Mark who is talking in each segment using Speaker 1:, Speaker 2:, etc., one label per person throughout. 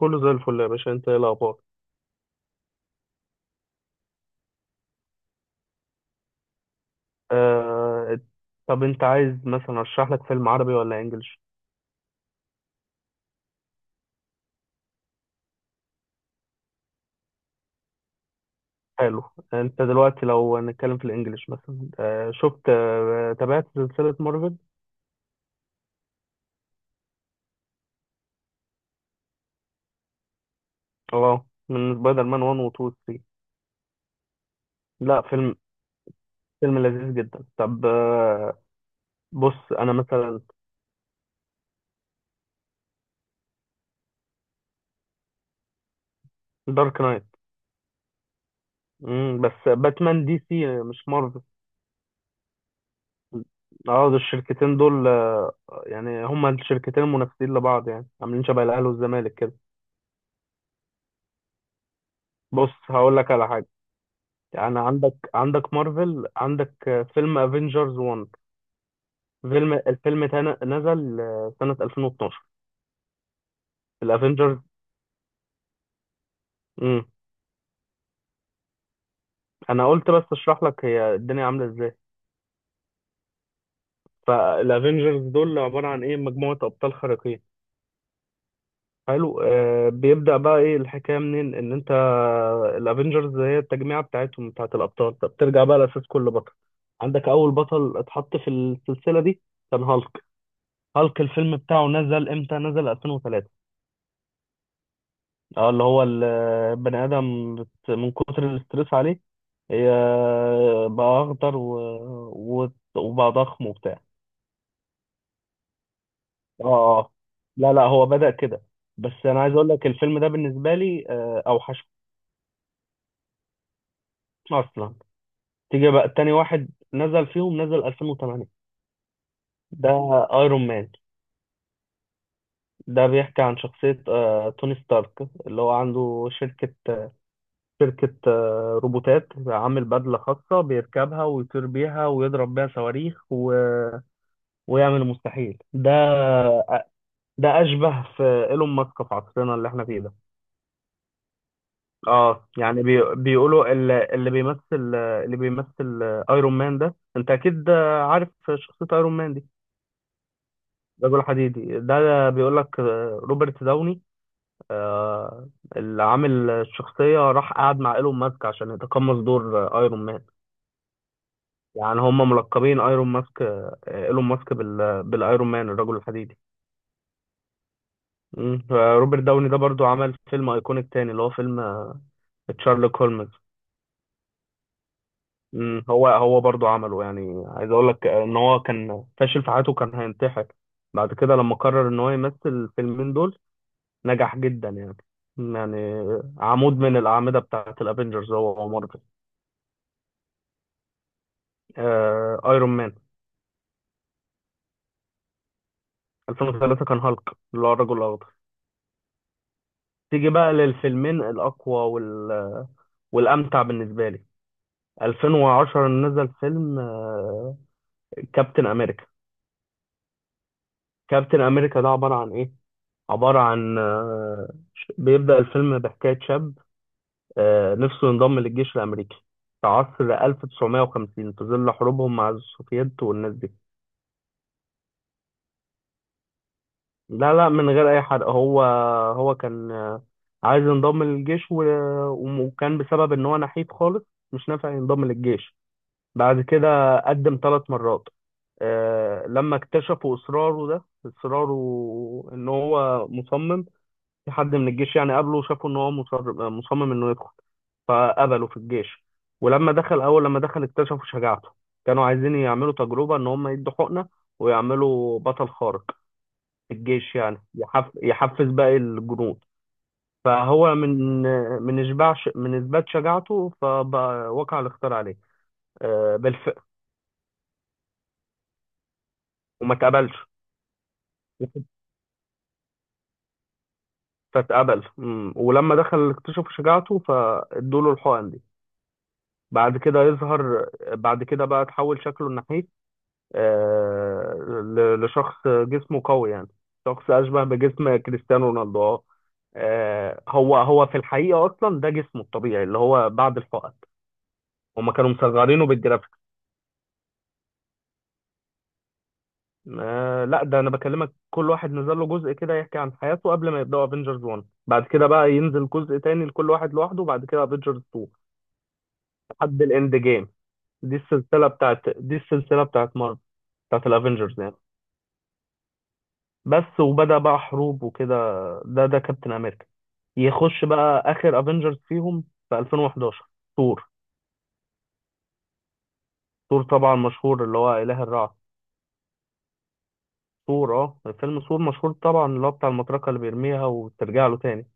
Speaker 1: كله زي الفل يا باشا، انت ايه الاخبار؟ آه... طب انت عايز مثلا ارشح لك فيلم عربي ولا انجليش؟ حلو. انت دلوقتي لو هنتكلم في الانجليش مثلا شفت تابعت سلسلة مارفل؟ اه، من سبايدر مان 1 و 2 و 3. لا، فيلم لذيذ جدا. طب بص انا مثلا دارك نايت. مم. بس باتمان دي سي مش مارفل. اه ده الشركتين دول يعني هما الشركتين المنافسين لبعض، يعني عاملين شبه الاهلي والزمالك كده. بص هقول لك على حاجه، يعني عندك مارفل، عندك فيلم افنجرز 1. نزل سنة 2012، الافنجرز. امم انا قلت بس اشرح لك هي الدنيا عاملة ازاي. فالافنجرز دول عبارة عن ايه؟ مجموعة ابطال خارقين. حلو. آه بيبدأ بقى ايه الحكاية منين؟ ان انت الافنجرز هي التجميعة بتاعتهم، بتاعت الابطال. طب ترجع بقى لاساس كل بطل. عندك اول بطل اتحط في السلسلة دي كان هالك. هالك الفيلم بتاعه نزل امتى؟ نزل 2003. اه، اللي هو البني ادم من كتر الاسترس عليه هي بقى اخضر و... و... وبقى ضخم وبتاع. اه اه، لا لا هو بدأ كده. بس انا عايز اقول لك الفيلم ده بالنسبه لي اوحش اصلا. تيجي بقى تاني واحد نزل فيهم، نزل 2008، ده ايرون مان. ده بيحكي عن شخصيه توني ستارك، اللي هو عنده شركه، شركة روبوتات، عامل بدلة خاصة بيركبها ويطير بيها ويضرب بيها صواريخ و... ويعمل المستحيل ده. ده أشبه في إيلون ماسك في عصرنا اللي احنا فيه ده. اه يعني بيقولوا اللي بيمثل ايرون مان ده انت اكيد عارف شخصية ايرون مان دي. رجل حديدي، ده بيقول لك روبرت داوني آه، اللي عامل الشخصية راح قعد مع ايلون ماسك عشان يتقمص دور ايرون مان. يعني هم ملقبين ايرون ماسك ايلون ماسك بالايرون مان، الرجل الحديدي. مم. روبرت داوني ده برضو عمل فيلم ايكونيك تاني اللي هو فيلم تشارلوك هولمز. مم. هو هو برضو عمله، يعني عايز اقول لك ان هو كان فاشل في حياته، كان هينتحر. بعد كده لما قرر ان هو يمثل الفيلمين دول نجح جدا يعني، يعني عمود من الاعمده بتاعه الافينجرز هو ومارفل. ايرون مان. 2003 كان هالك، اللي هو الرجل الاخضر. تيجي بقى للفيلمين الأقوى والامتع بالنسبه لي. 2010 نزل فيلم كابتن امريكا. كابتن امريكا ده عباره عن ايه؟ عباره عن بيبدا الفيلم بحكايه شاب نفسه ينضم للجيش الامريكي في عصر 1950 في ظل حروبهم مع السوفييت والناس دي. لا لا، من غير اي حرق. هو هو كان عايز ينضم للجيش وكان بسبب ان هو نحيف خالص مش نافع ينضم للجيش. بعد كده قدم ثلاث مرات. لما اكتشفوا اصراره، ده اصراره ان هو مصمم. في حد من الجيش يعني قابله وشافوا ان هو مصمم انه يدخل، فقبلوا في الجيش. ولما دخل، اول لما دخل اكتشفوا شجاعته. كانوا عايزين يعملوا تجربة ان هم يدوا حقنة ويعملوا بطل خارق في الجيش يعني يحفز باقي الجنود. فهو من اثبات شجاعته فبقى وقع الاختيار عليه. بالفعل. وما اتقبلش. فاتقبل. مم. ولما دخل اكتشف شجاعته فادوا له الحقن دي. بعد كده يظهر، بعد كده بقى تحول شكله ناحيه آه... لشخص جسمه قوي يعني، شخص اشبه بجسم كريستيانو رونالدو. اه هو هو في الحقيقه اصلا ده جسمه الطبيعي اللي هو بعد الحقن. هما كانوا مصغرينه بالجرافيك. آه لا، ده انا بكلمك كل واحد نزل له جزء كده يحكي عن حياته قبل ما يبداوا افنجرز 1، بعد كده بقى ينزل جزء تاني لكل واحد لوحده، وبعد كده افنجرز 2 لحد الاند جيم. دي السلسلة بتاعت مارفل، بتاعت الافينجرز يعني. بس وبدأ بقى حروب وكده، ده ده كابتن امريكا. يخش بقى اخر افنجرز فيهم في 2011، ثور. ثور طبعا مشهور اللي هو اله الرعد. ثور، اه، فيلم ثور مشهور طبعا اللي هو بتاع المطرقة اللي بيرميها وترجع له تاني.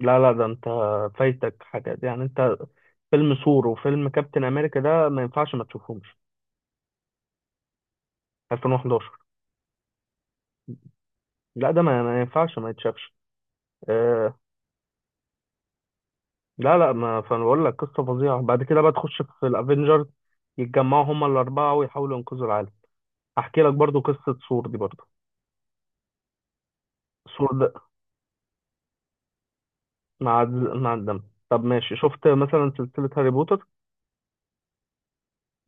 Speaker 1: لا لا، ده انت فايتك حاجات يعني، انت فيلم ثور وفيلم كابتن امريكا ده ما ينفعش ما تشوفهمش. 2011. لا ده ما ما ينفعش ما يتشافش. آه، لا لا ما، فانا بقول لك قصه فظيعه. بعد كده بقى تخش في الافنجرز، يتجمعوا هما الاربعه ويحاولوا ينقذوا العالم. احكي لك برضو قصه سور دي برضو. سور ده مع الدم. طب ماشي، شفت مثلا سلسله هاري بوتر؟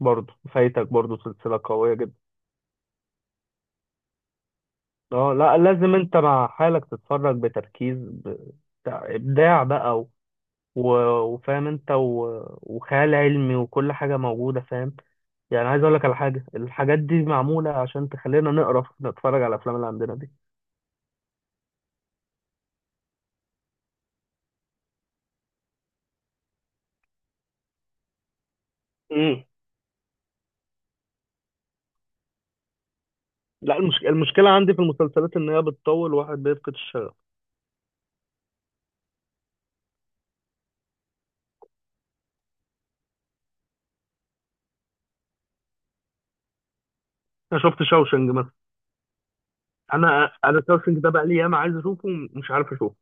Speaker 1: برضو فايتك، برضو سلسله قويه جدا. اه لا، لازم انت مع حالك تتفرج بتركيز ابداع بقى وفاهم انت وخيال علمي وكل حاجه موجوده، فاهم؟ يعني عايز اقول لك على حاجه، الحاجات دي معموله عشان تخلينا نقرا نتفرج على الافلام اللي عندنا دي. امم لا المشكله عندي في المسلسلات ان هي بتطول، واحد بيفقد الشغف. انا شفت شاوشنج مثلا. انا شاوشنج ده بقى لي ياما عايز اشوفه ومش عارف اشوفه.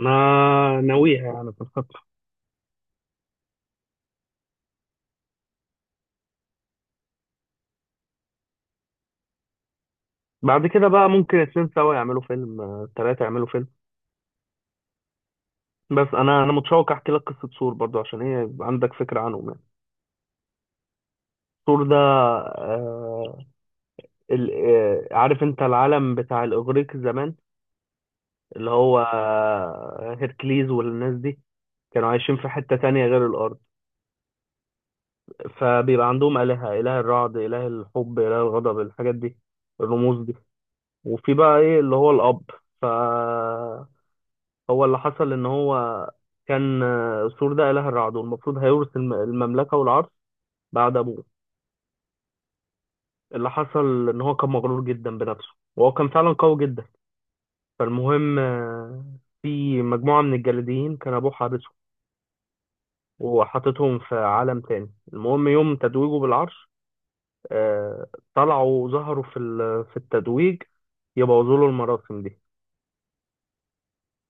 Speaker 1: انا ناويها يعني بس. بعد كده بقى ممكن اتنين سوا يعملوا فيلم تلاته يعملوا فيلم. بس انا متشوق احكي لك قصه سور برضو، عشان ايه؟ يبقى عندك فكره عنه يعني. سور ده عارف انت العالم بتاع الاغريق زمان، اللي هو هيركليز والناس دي، كانوا عايشين في حته تانية غير الارض. فبيبقى عندهم آلهة، إله الرعد، إله الحب، إله الغضب، الحاجات دي، الرموز دي. وفي بقى إيه اللي هو الأب. فهو، اللي حصل إن هو كان سور ده إله الرعد والمفروض هيورث المملكة والعرش بعد أبوه. اللي حصل إن هو كان مغرور جدا بنفسه، وهو كان فعلا قوي جدا. فالمهم في مجموعة من الجليديين كان أبوه حابسهم وحاططهم في عالم تاني. المهم يوم تتويجه بالعرش آه، طلعوا وظهروا في في التتويج يبوظوا له المراسم دي.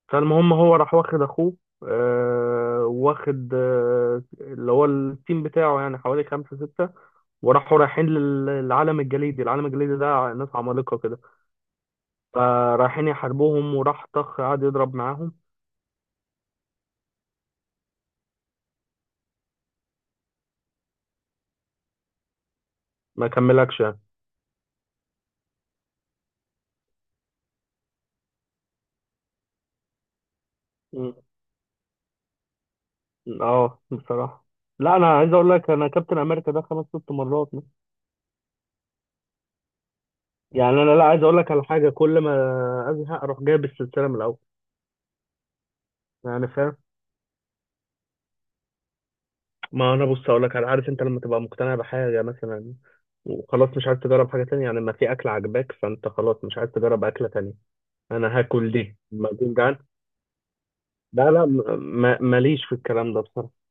Speaker 1: فالمهم هو راح واخد اخوه واخد اللي هو التيم بتاعه يعني حوالي خمسة ستة، وراحوا رايحين للعالم الجليدي. العالم الجليدي ده ناس عمالقة كده، فرايحين يحاربوهم، وراح طخ قعد يضرب معاهم. ما كملكش يعني. م- اه بصراحة. لا انا عايز اقول لك، انا كابتن امريكا ده خمس ست مرات. يعني انا، لا عايز اقول لك على حاجة، كل ما ازهق اروح جايب السلسلة من الاول يعني، فاهم؟ ما انا بص اقول لك عارف انت لما تبقى مقتنع بحاجه مثلا وخلاص مش عايز تجرب حاجه تانية؟ يعني لما في اكل عجباك فانت خلاص مش عايز تجرب اكله تانية. انا هاكل دي لما اكون جعان. لا لا ماليش في الكلام ده بصراحه.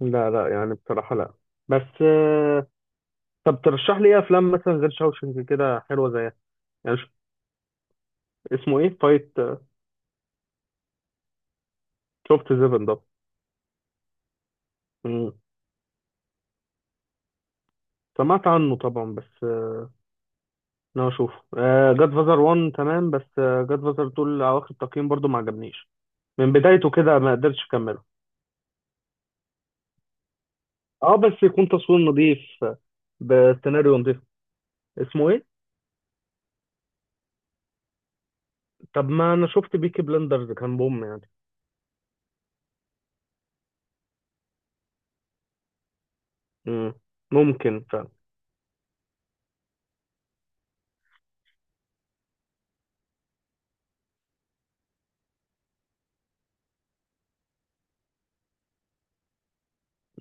Speaker 1: لا لا يعني، بصراحه لا. بس طب ترشح لي ايه افلام مثلا غير شاوشنج كده حلوه زيها؟ يعني اسمه ايه فايت؟ شفت سيفن ده؟ مم. سمعت عنه طبعا بس انا اشوفه. جاد فازر 1 تمام، بس جاد فازر 2 اواخر التقييم برضو ما عجبنيش، من بدايته كده ما قدرتش اكمله. اه بس يكون تصوير نظيف بسيناريو نظيف. اسمه ايه؟ طب ما انا شفت بيكي بلندرز كان بوم يعني. مم. ممكن فعلا.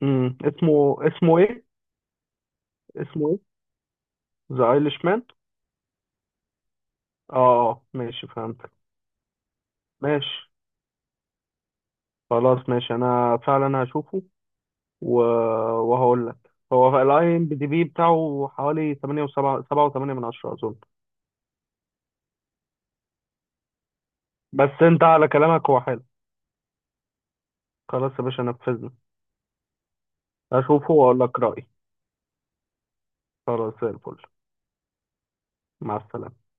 Speaker 1: مم. اسمه ايه؟ اسمه ايه، ذا ايليش مان؟ اه ماشي فهمت. ماشي خلاص، ماشي انا فعلا هشوفه و... وهقول لك. هو الاي ام بي دي بي بتاعه حوالي 8 و7 7 و8 من 10 اظن. بس انت على كلامك هو حلو. خلاص يا باشا نفذنا. اشوفه واقول لك رايي. خلاص زي الفل. مع السلامة.